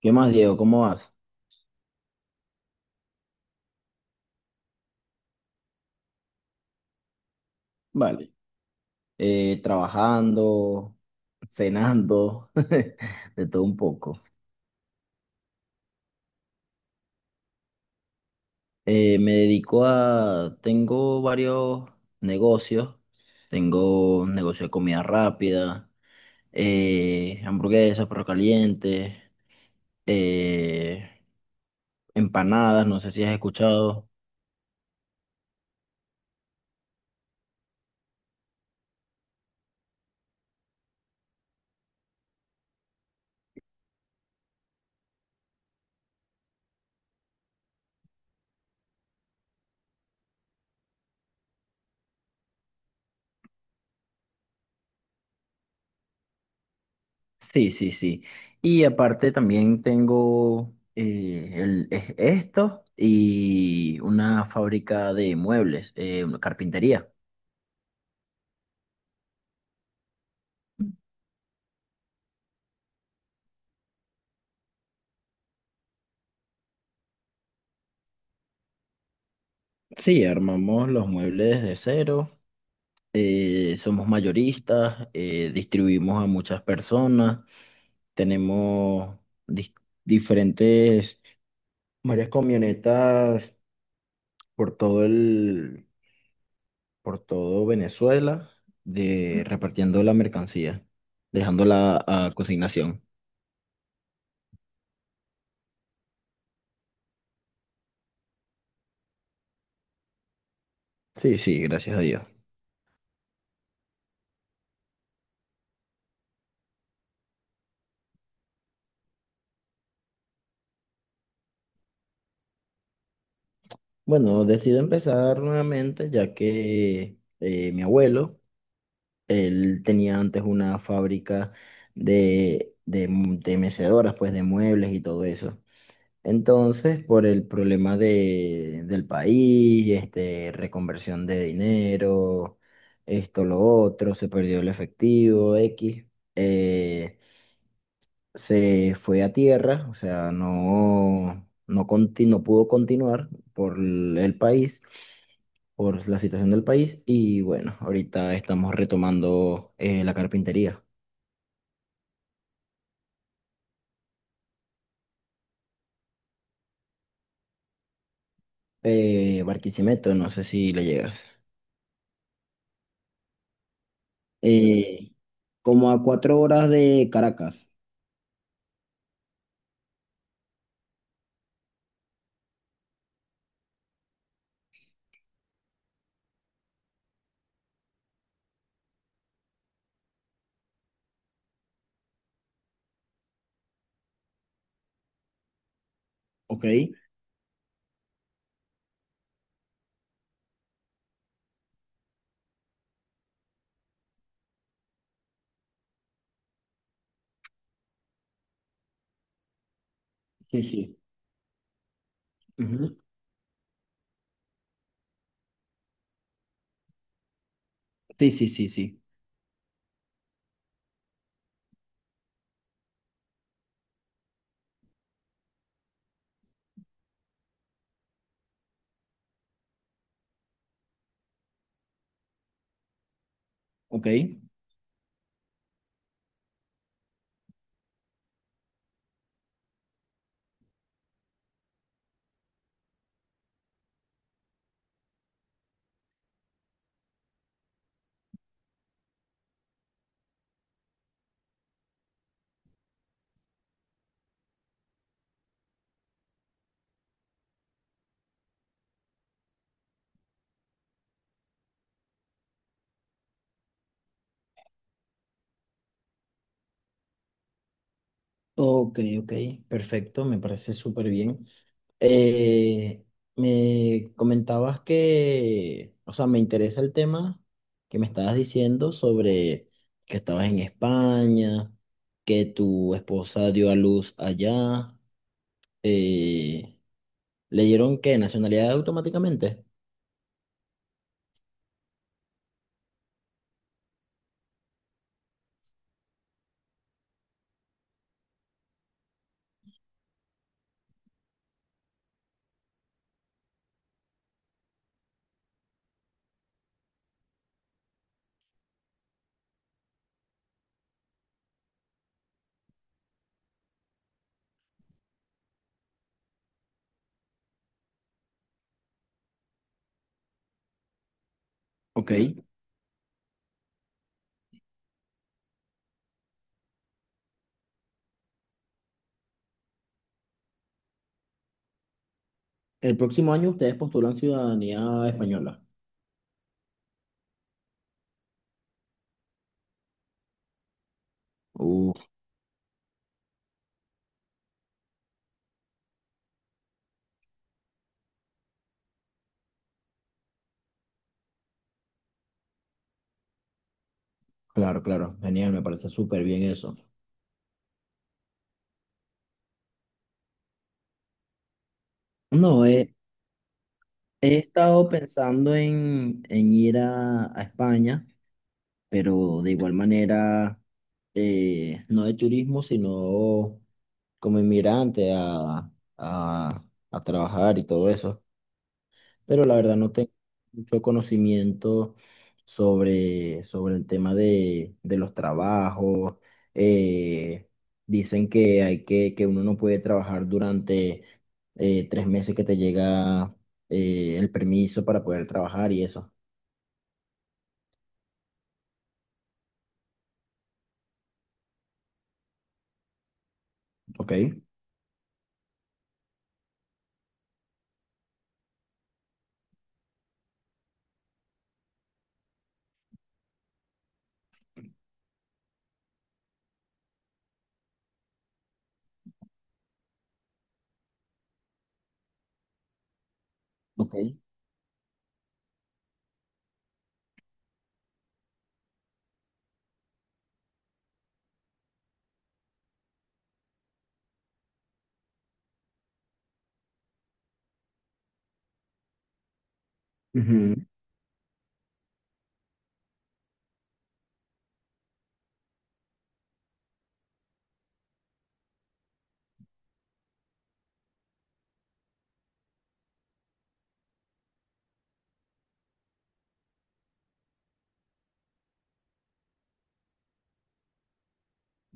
¿Qué más, Diego? ¿Cómo vas? Vale. Trabajando, cenando, de todo un poco. Me dedico a... Tengo varios negocios. Tengo un negocio de comida rápida, hamburguesas, perros calientes, eh, empanadas, no sé si has escuchado. Sí, sí, sí. Y aparte también tengo esto y una fábrica de muebles, una carpintería. Sí, armamos los muebles de cero, somos mayoristas, distribuimos a muchas personas, tenemos dis- diferentes, varias camionetas por todo el, por todo Venezuela, de, repartiendo la mercancía, dejándola a consignación. Sí, sí, gracias a Dios. Bueno, decido empezar nuevamente ya que mi abuelo, él tenía antes una fábrica de mecedoras, pues de muebles y todo eso. Entonces, por el problema del país, este, reconversión de dinero, esto, lo otro, se perdió el efectivo, X. eh, Se fue a tierra, o sea, no pudo continuar por el país, por la situación del país, y bueno, ahorita estamos retomando la carpintería. Barquisimeto, no sé si le llegas. Eh, como a 4 horas de Caracas, ¿ok? Sí, sí. Ujú. Sí, sí, sí, sí, ok. Ok, ok, perfecto, me parece súper bien. Eh, Me comentabas que, o sea, me interesa el tema que me estabas diciendo sobre que estabas en España, que tu esposa dio a luz allá. eh, ¿Le dieron qué? ¿Nacionalidad automáticamente? Ok. El próximo año ustedes postulan ciudadanía española. Uf, claro, claro, genial, me parece súper bien eso. No, he estado pensando en ir a España, pero de igual manera, no de turismo, sino como inmigrante a, a trabajar y todo eso, pero la verdad no tengo mucho conocimiento sobre el tema de los trabajos. Eh, Dicen que hay que uno no puede trabajar durante 3 meses que te llega el permiso para poder trabajar y eso. Ok. Ok. Ujú.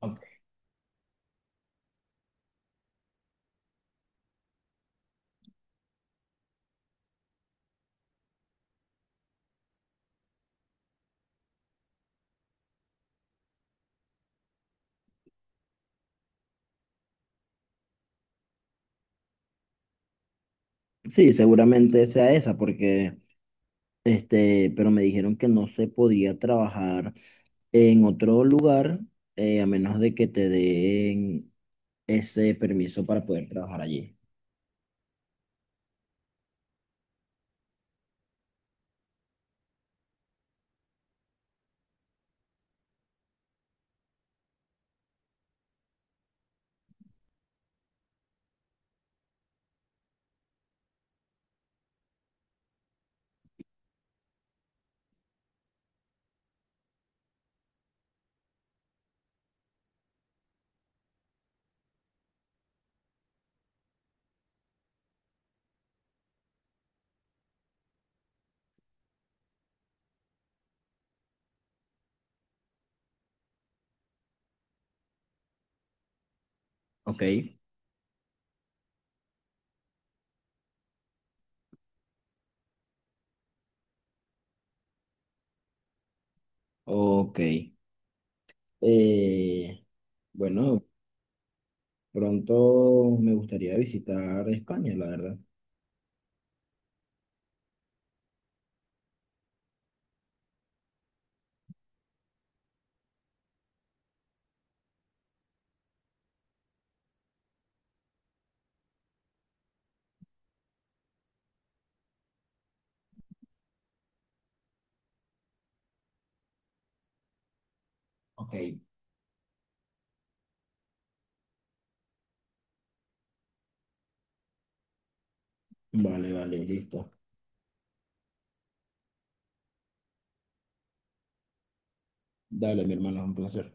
Ok. Sí, seguramente sea esa, porque este, pero me dijeron que no se podía trabajar en otro lugar a menos de que te den ese permiso para poder trabajar allí. Ok, ok. Eh, bueno, pronto me gustaría visitar España, la verdad. Ok. Vale, vale, listo. Dale, mi hermano, un placer.